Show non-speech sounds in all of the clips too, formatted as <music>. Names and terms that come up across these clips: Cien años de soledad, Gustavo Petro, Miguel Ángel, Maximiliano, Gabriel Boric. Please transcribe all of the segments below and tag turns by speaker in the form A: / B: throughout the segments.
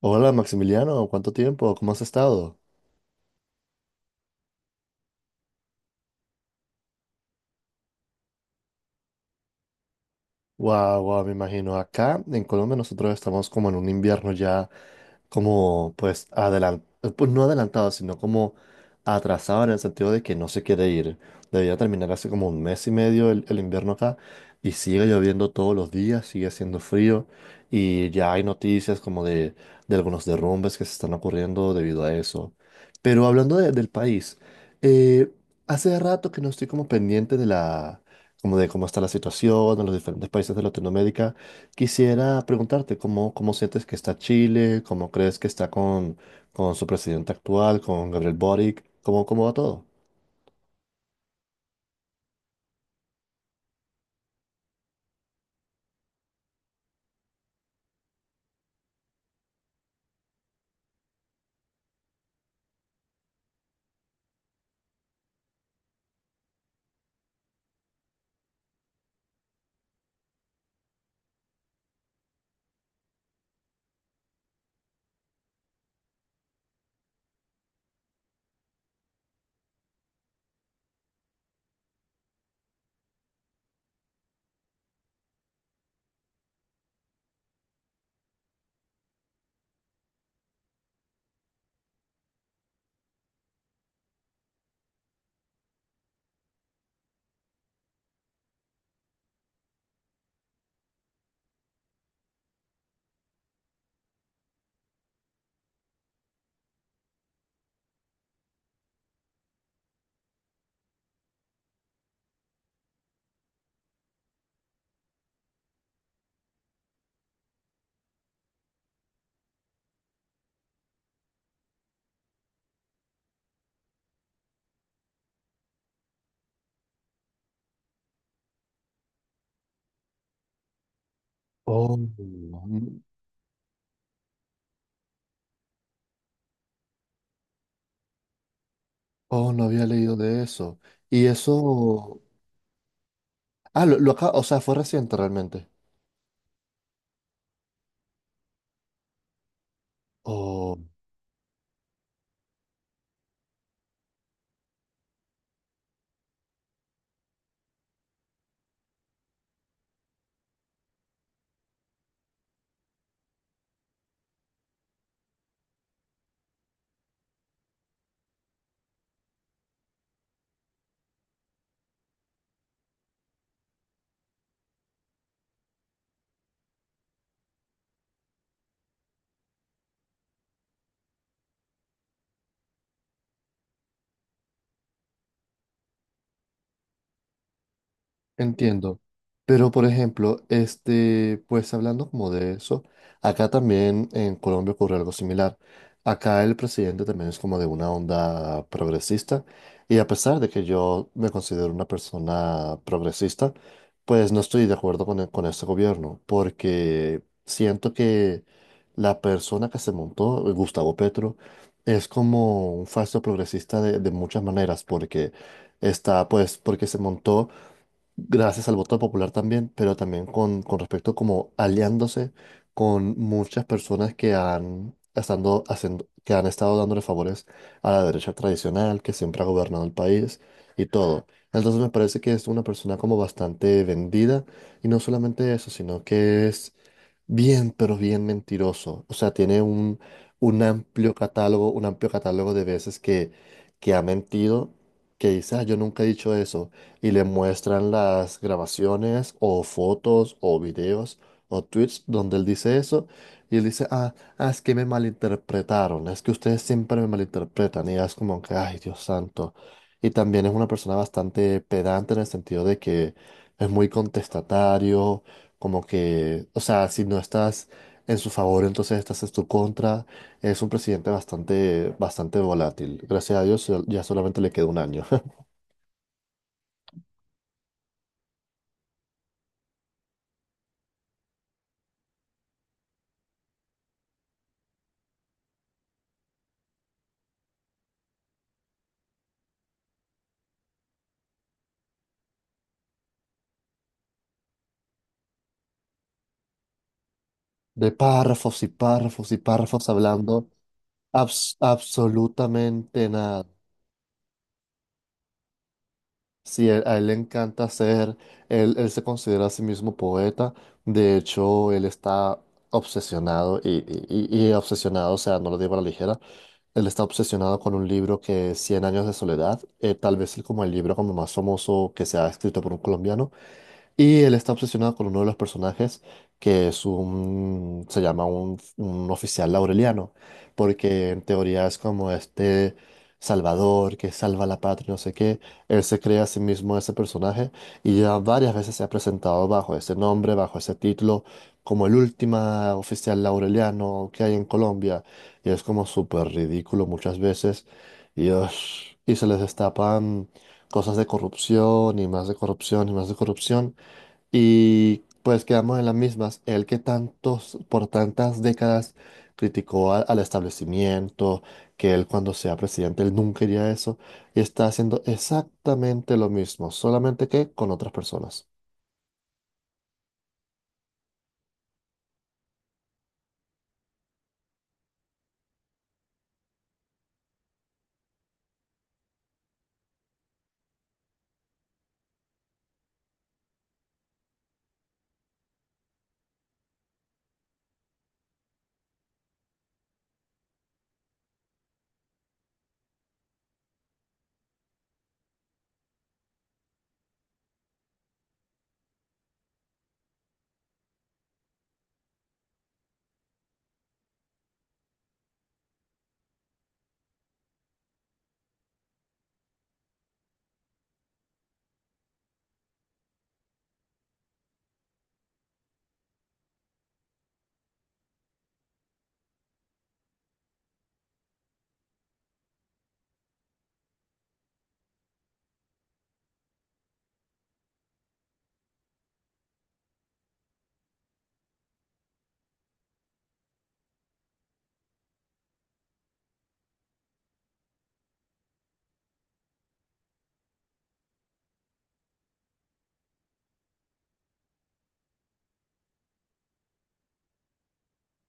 A: Hola Maximiliano, ¿cuánto tiempo? ¿Cómo has estado? Guau, guau, me imagino. Acá en Colombia nosotros estamos como en un invierno ya como pues adelantado, pues no adelantado, sino como atrasado en el sentido de que no se quiere ir. Debía terminar hace como un mes y medio el invierno acá y sigue lloviendo todos los días, sigue haciendo frío y ya hay noticias como de algunos derrumbes que se están ocurriendo debido a eso. Pero hablando del país, eh, hace rato que no estoy como pendiente como de cómo está la situación en los diferentes países de Latinoamérica. Quisiera preguntarte cómo sientes que está Chile, cómo crees que está con su presidente actual, con Gabriel Boric, cómo va todo. Oh, mm, oh, no había leído de eso. Y eso. Ah, lo acá, o sea, fue reciente realmente. Entiendo. Pero, por ejemplo, este, pues hablando como de eso, acá también en Colombia ocurre algo similar. Acá el presidente también es como de una onda progresista y a pesar de que yo me considero una persona progresista, pues no estoy de acuerdo con este gobierno porque siento que la persona que se montó, Gustavo Petro, es como un falso progresista de muchas maneras porque está, pues, porque se montó gracias al voto popular también, pero también con respecto como aliándose con muchas personas que han estado dándole favores a la derecha tradicional, que siempre ha gobernado el país y todo. Entonces me parece que es una persona como bastante vendida y no solamente eso, sino que es bien, pero bien mentiroso. O sea, tiene un amplio catálogo, un amplio catálogo de veces que ha mentido, que dice, ah, yo nunca he dicho eso. Y le muestran las grabaciones o fotos o videos o tweets donde él dice eso. Y él dice, ah, ah, es que me malinterpretaron. Es que ustedes siempre me malinterpretan. Y es como que, ay, Dios santo. Y también es una persona bastante pedante en el sentido de que es muy contestatario como que, o sea, si no estás en su favor, entonces estás en su contra. Es un presidente bastante, bastante volátil. Gracias a Dios ya solamente le queda un año. <laughs> De párrafos y párrafos y párrafos hablando absolutamente nada. Sí, a él le encanta ser, él se considera a sí mismo poeta, de hecho él está obsesionado y obsesionado, o sea, no lo digo a la ligera, él está obsesionado con un libro que es Cien años de soledad, tal vez como el libro como más famoso que se ha escrito por un colombiano, y él está obsesionado con uno de los personajes, que es se llama un oficial laureliano, porque en teoría es como este salvador que salva la patria, no sé qué. Él se crea a sí mismo ese personaje y ya varias veces se ha presentado bajo ese nombre, bajo ese título, como el último oficial laureliano que hay en Colombia. Y es como súper ridículo muchas veces. Y, ush, y se les destapan cosas de corrupción y más de corrupción y más de corrupción. Y pues quedamos en las mismas. Él que tantos, por tantas décadas criticó al establecimiento, que él cuando sea presidente, él nunca haría eso, y está haciendo exactamente lo mismo, solamente que con otras personas.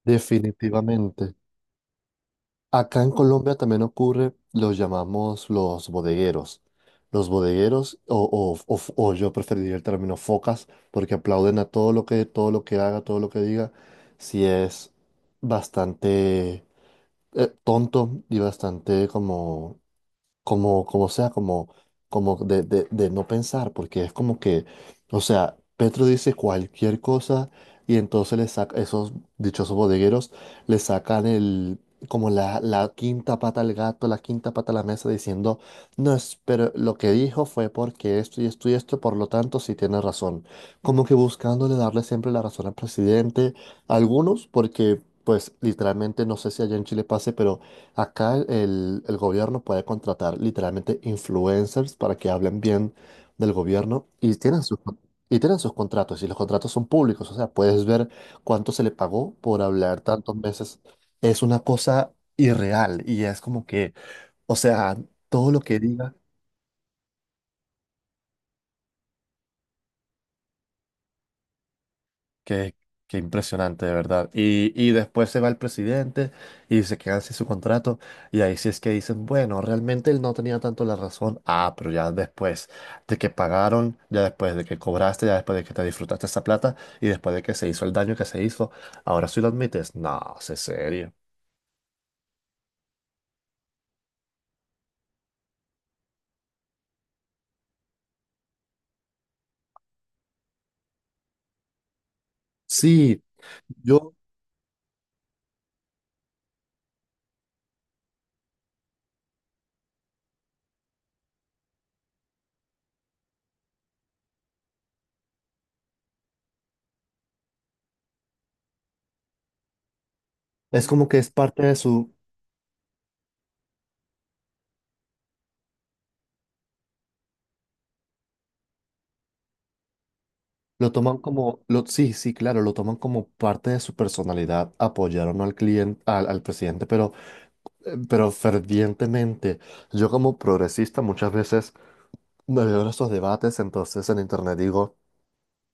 A: Definitivamente. Acá en Colombia también ocurre, los llamamos los bodegueros. Los bodegueros, o- o- o yo preferiría el término focas, porque aplauden a todo lo que haga, todo lo que diga, si es bastante tonto y bastante como sea, como de, de no pensar, porque es como que, o sea, Petro dice cualquier cosa y entonces esos dichosos bodegueros le sacan el, como la quinta pata al gato, la quinta pata a la mesa diciendo, no, es, pero lo que dijo fue porque esto y esto y esto, por lo tanto, sí tiene razón. Como que buscándole darle siempre la razón al presidente, algunos porque. Pues literalmente no sé si allá en Chile pase, pero acá el gobierno puede contratar literalmente influencers para que hablen bien del gobierno y tienen y tienen sus contratos y los contratos son públicos, o sea, puedes ver cuánto se le pagó por hablar tantos meses. Es una cosa irreal y es como que, o sea, todo lo que diga. Qué, qué impresionante, de verdad. Y después se va el presidente y se queda sin su contrato. Y ahí sí es que dicen, bueno, realmente él no tenía tanto la razón. Ah, pero ya después de que pagaron, ya después de que cobraste, ya después de que te disfrutaste esa plata y después de que se hizo el daño que se hizo, ahora sí lo admites. No, sé serio. Sí, yo es como que es parte de su. Lo toman como, lo, Sí, sí, claro, lo toman como parte de su personalidad, apoyar o no al cliente, al presidente, pero fervientemente. Yo como progresista muchas veces me veo en estos debates, entonces en internet digo.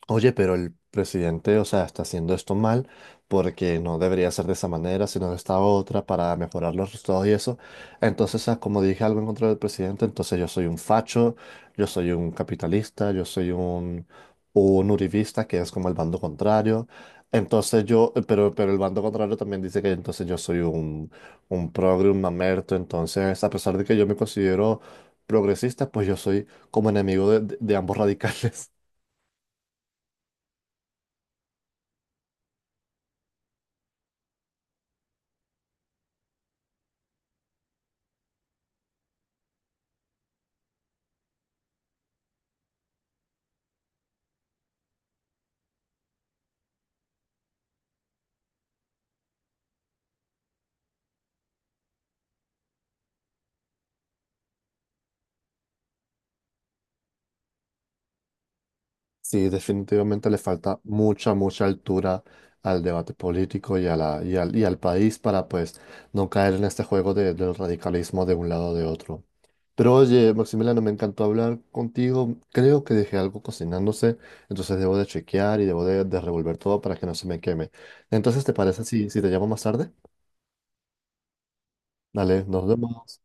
A: Oye, pero el presidente, o sea, está haciendo esto mal porque no debería ser de esa manera, sino de esta otra para mejorar los resultados y eso. Entonces, ah, como dije algo en contra del presidente, entonces yo soy un facho, yo soy un capitalista, yo soy un uribista, que es como el bando contrario. Entonces yo, pero el bando contrario también dice que entonces yo soy un progre, un mamerto. Entonces, a pesar de que yo me considero progresista, pues yo soy como enemigo de ambos <laughs> radicales. Sí, definitivamente le falta mucha, mucha altura al debate político y, a la, y al país para pues no caer en este juego del radicalismo de un lado o de otro. Pero oye, Maximiliano, me encantó hablar contigo. Creo que dejé algo cocinándose, entonces debo de chequear y debo de revolver todo para que no se me queme. Entonces, ¿te parece si te llamo más tarde? Dale, nos vemos.